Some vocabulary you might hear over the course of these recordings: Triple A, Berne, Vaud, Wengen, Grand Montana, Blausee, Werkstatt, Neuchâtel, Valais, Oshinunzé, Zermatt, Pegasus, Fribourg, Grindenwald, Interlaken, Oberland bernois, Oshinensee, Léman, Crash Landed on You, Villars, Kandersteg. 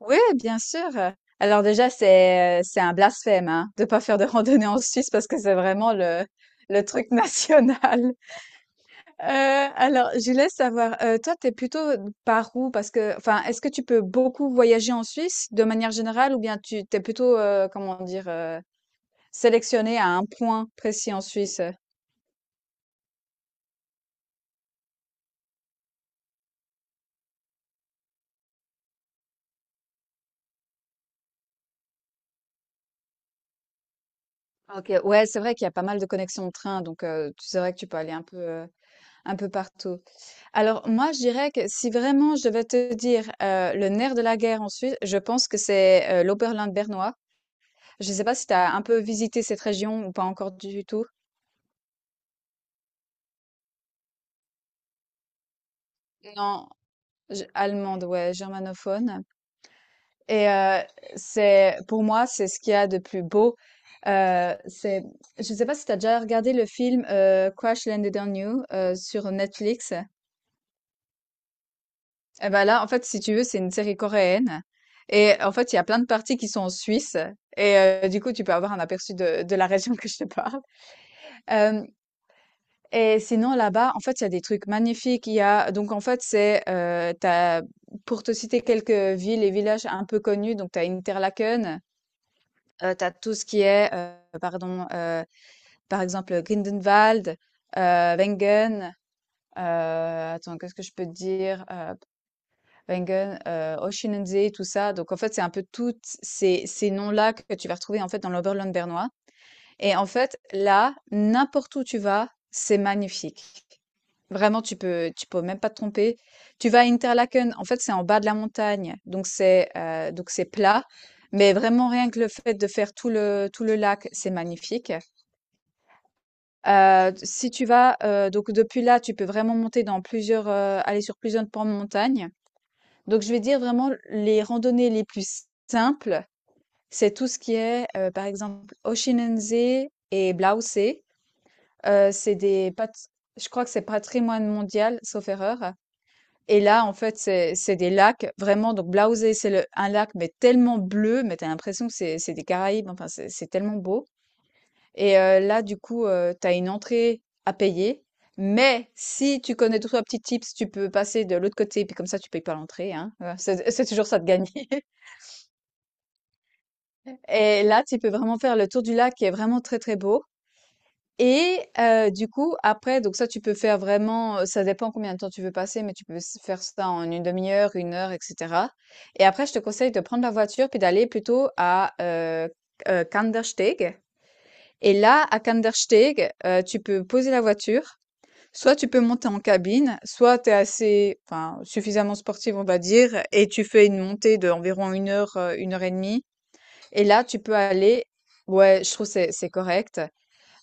Oui, bien sûr. Alors déjà, c'est un blasphème, hein, de pas faire de randonnée en Suisse parce que c'est vraiment le truc national. Euh, alors, je laisse savoir. Toi, t'es plutôt par où? Parce que, enfin, est-ce que tu peux beaucoup voyager en Suisse de manière générale ou bien tu t'es plutôt, comment dire, sélectionné à un point précis en Suisse? OK, ouais, c'est vrai qu'il y a pas mal de connexions de train, donc tu c'est vrai que tu peux aller un peu partout. Alors moi, je dirais que si vraiment je devais te dire, le nerf de la guerre en Suisse, je pense que c'est, l'Oberland bernois. Je sais pas si tu as un peu visité cette région ou pas encore du tout? Non, je allemande, ouais, germanophone et c'est, pour moi, c'est ce qu'il y a de plus beau. C'est Je sais pas si tu as déjà regardé le film, Crash Landed on You, sur Netflix? Eh ben là, en fait, si tu veux, c'est une série coréenne. Et en fait, il y a plein de parties qui sont en Suisse. Et du coup, tu peux avoir un aperçu de la région que je te parle. Euh, et sinon, là-bas, en fait, il y a des trucs magnifiques. Il y a, donc, en fait, t'as, pour te citer quelques villes et villages un peu connus, donc tu as Interlaken, tu as tout ce qui est, pardon, par exemple, Grindenwald, Wengen, attends, qu'est-ce que je peux te dire? Wengen, Oshinensee, tout ça, donc en fait, c'est un peu tous ces noms-là que tu vas retrouver, en fait, dans l'Oberland bernois, et en fait, là, n'importe où tu vas, c'est magnifique. Vraiment, tu peux même pas te tromper. Tu vas à Interlaken, en fait, c'est en bas de la montagne, donc c'est plat, mais vraiment rien que le fait de faire tout le lac, c'est magnifique. Si tu vas, donc depuis là, tu peux vraiment monter dans aller sur plusieurs pans de montagne. Donc, je vais dire vraiment les randonnées les plus simples, c'est tout ce qui est, par exemple, Oshinensee et Blausee. C'est des pat Je crois que c'est patrimoine mondial, sauf erreur, et là, en fait, c'est des lacs vraiment, donc Blausee, c'est le un lac, mais tellement bleu, mais t'as l'impression que c'est des Caraïbes, enfin, c'est tellement beau, et là, du coup, tu une entrée à payer, mais si tu connais tous 3 petits tips, tu peux passer de l'autre côté, puis comme ça, tu payes pas l'entrée, hein, c'est toujours ça de gagner. Et là, tu peux vraiment faire le tour du lac qui est vraiment très très beau. Et du coup, après, donc ça, tu peux faire vraiment, ça dépend combien de temps tu veux passer, mais tu peux faire ça en une demi-heure, une heure, etc. Et après, je te conseille de prendre la voiture puis d'aller plutôt à Kandersteg. Et là, à Kandersteg, tu peux poser la voiture. Soit tu peux monter en cabine, soit tu es assez, enfin, suffisamment sportive, on va dire, et tu fais une montée d'environ une heure et demie. Et là, tu peux aller ouais, je trouve que c'est correct.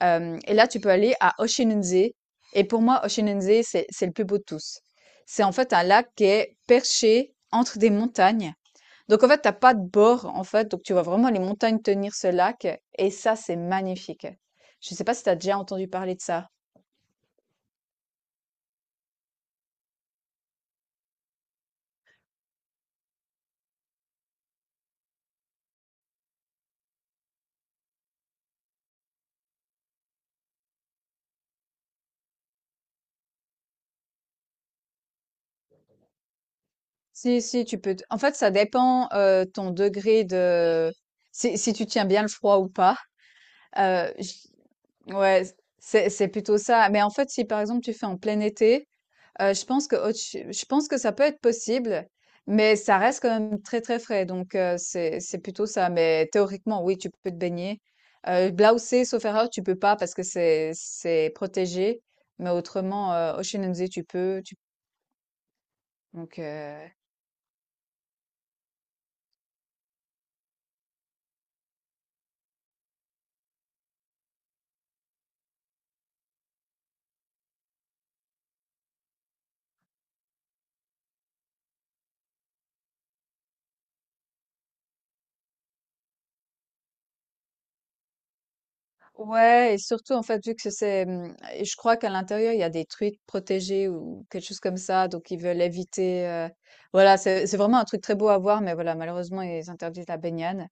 Hem Et là, tu peux aller à Oshinunzé, et pour moi, Oshinunzé, c'est le plus beau de tous. C'est en fait un lac qui est perché entre des montagnes. Donc en fait, t'as pas de bord, en fait, donc tu vois vraiment les montagnes tenir ce lac, et ça, c'est magnifique. Je sais pas si tu as déjà entendu parler de ça? Si, si, tu peux t en fait, ça dépend, ton degré de, si tu tiens bien le froid ou pas. Heu, Ouais, c'est plutôt ça. Mais en fait, si par exemple tu fais en plein été, je pense que ça peut être possible, mais ça reste quand même très très frais. Donc c'est plutôt ça. Mais théoriquement, oui, tu peux te baigner. Blaoussé, sauf erreur, tu peux pas parce que c'est protégé. Mais autrement, Oceansea, tu peux. Tu... Donc euh, Ouais, et surtout, en fait, vu que c'est, mmh et je crois qu'à l'intérieur, il y a des truites protégées ou quelque chose comme ça, donc ils veulent éviter, voilà, c'est vraiment un truc très beau à voir, mais voilà, malheureusement, ils interdisent la baignade.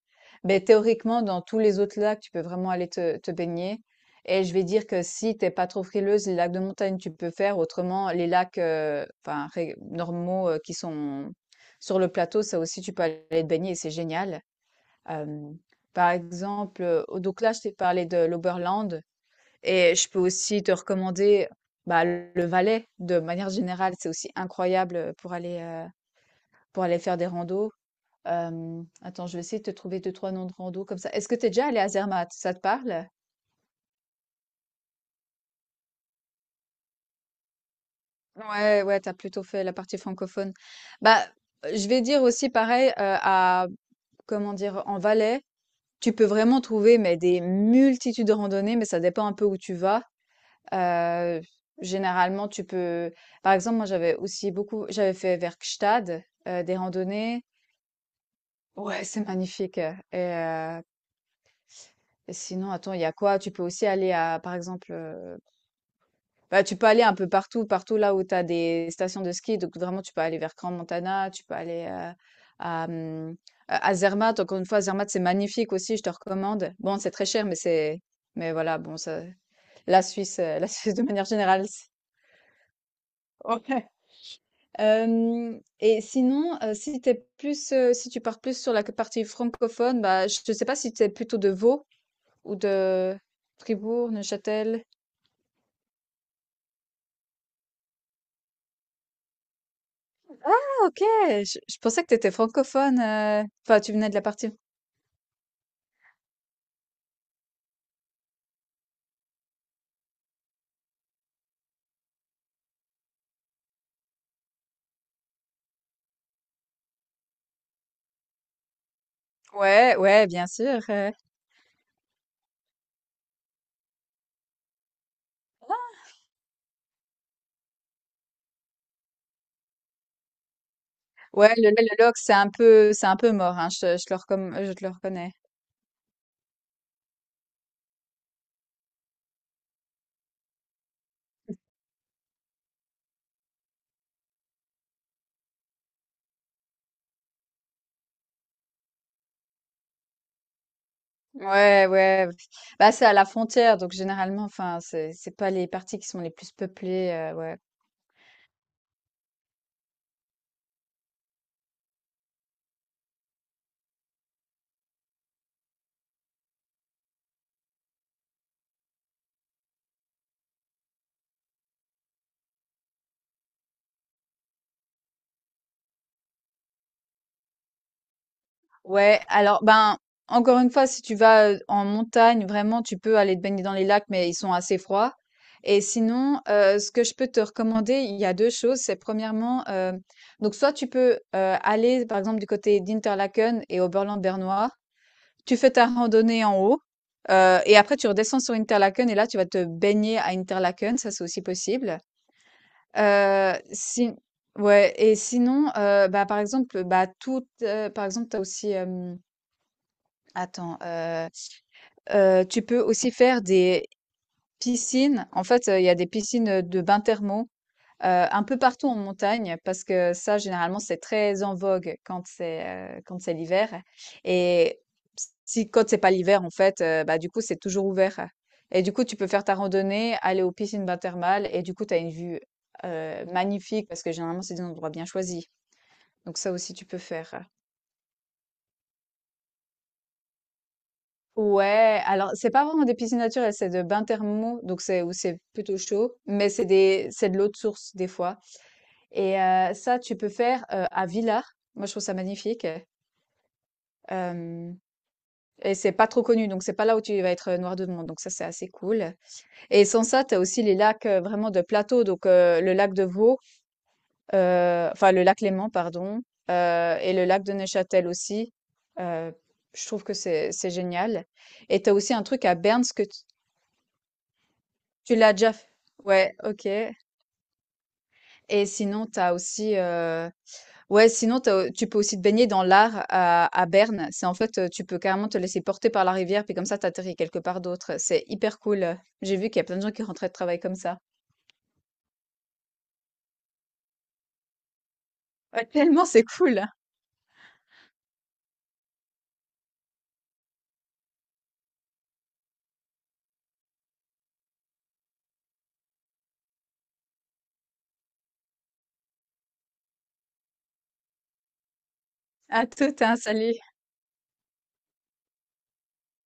Mais théoriquement, dans tous les autres lacs, tu peux vraiment aller te baigner, et je vais dire que si t'es pas trop frileuse, les lacs de montagne, tu peux faire. Autrement, les lacs, enfin ré normaux, qui sont sur le plateau, ça aussi, tu peux aller te baigner et c'est génial. Hem, Par exemple, oh, donc là, je t'ai parlé de l'Oberland, et je peux aussi te recommander, bah, le Valais, de manière générale. C'est aussi incroyable, pour aller, heu, pour aller faire des randos. Attends, je vais essayer de te trouver deux trois noms de randos comme ça. Est-ce que tu es déjà allé à Zermatt? Ça te parle? Ouais, ouais, t'as plutôt fait la partie francophone. Bah, je vais dire aussi pareil, à comment dire? En Valais, tu peux vraiment trouver, mais des multitudes de randonnées, mais ça dépend un peu où tu vas. Euh, Généralement, tu peux. Par exemple, moi, j'avais aussi beaucoup. J'avais fait Werkstatt, des randonnées. Ouais, c'est magnifique. Et sinon, attends, il y a quoi? Tu peux aussi aller à, par exemple, tu peux aller un peu partout, partout là où tu as des stations de ski. Donc, vraiment, tu peux aller vers Grand Montana, tu peux aller à, hum, à Zermatt. Encore une fois, Zermatt, c'est magnifique aussi, je te recommande. Bon, c'est très cher, mais c'est. Mais voilà, bon, ça... la Suisse, la Suisse de manière générale, c'est- Ouais. Hem Et sinon, si tu pars plus sur la partie francophone, bah, je ne sais pas si tu es plutôt de Vaud ou de Fribourg, Neuchâtel? Ah, OK! Je pensais que tu étais francophone, enfin tu venais de la partie, ouais, ouais, bien sûr, ouais, le c'est un peu mort, hein, je te le reconnais. Ouais, ouais, ouais. Bah, c'est à la frontière donc généralement, enfin, c'est pas les parties qui sont les plus peuplées, ouais. Ouais, alors ben, encore une fois, si tu vas en montagne, vraiment, tu peux aller te baigner dans les lacs, mais ils sont assez froids. Et sinon, ce que je peux te recommander, il y a deux choses. C'est premièrement, donc soit tu peux aller, par exemple, du côté d'Interlaken et Oberland-Bernois. Tu fais ta randonnée en haut, et après tu redescends sur Interlaken, et là tu vas te baigner à Interlaken, ça c'est aussi possible. Si... Ouais, et sinon, bah, par exemple, bah, tout, par exemple, t'as aussi... Attends, tu peux aussi faire des piscines. En fait, il y a des piscines, de bains thermaux, heu, un peu partout en montagne parce que ça, généralement, c'est très en vogue quand c'est l'hiver, et si quand c'est pas l'hiver, en fait, bah, du coup, c'est toujours ouvert, et du coup, tu peux faire ta randonnée, aller aux piscines bains thermales et du coup, tu as une vue, magnifique parce que généralement, c'est des endroits bien choisis. Donc ça aussi, tu peux faire. Ouais, alors c'est pas vraiment des piscines naturelles, c'est de bains thermaux, donc c'est où c'est plutôt chaud, mais c'est de l'eau de source des fois. Et ça, tu peux faire à Villars. Moi, je trouve ça magnifique. Euh, et c'est pas trop connu, donc c'est pas là où tu vas être noir de monde. Donc ça, c'est assez cool. Et sans ça, t'as aussi les lacs vraiment de plateau, donc le lac de Vaux, enfin le lac Léman, pardon, et le lac de Neuchâtel aussi. Euh, je trouve que c'est génial. Et tu as aussi un truc à Berne. Tu l'as déjà fait? Ouais, ok. Et sinon, t'as aussi, ouais, sinon tu peux aussi te baigner dans l'Ar à Berne. Tu peux carrément te laisser porter par la rivière, puis comme ça, t'atterris quelque part d'autre. C'est hyper cool. J'ai vu qu'il y a plein de gens qui rentraient de travail comme ça. Ouais, tellement c'est cool. À tout, hein, salut.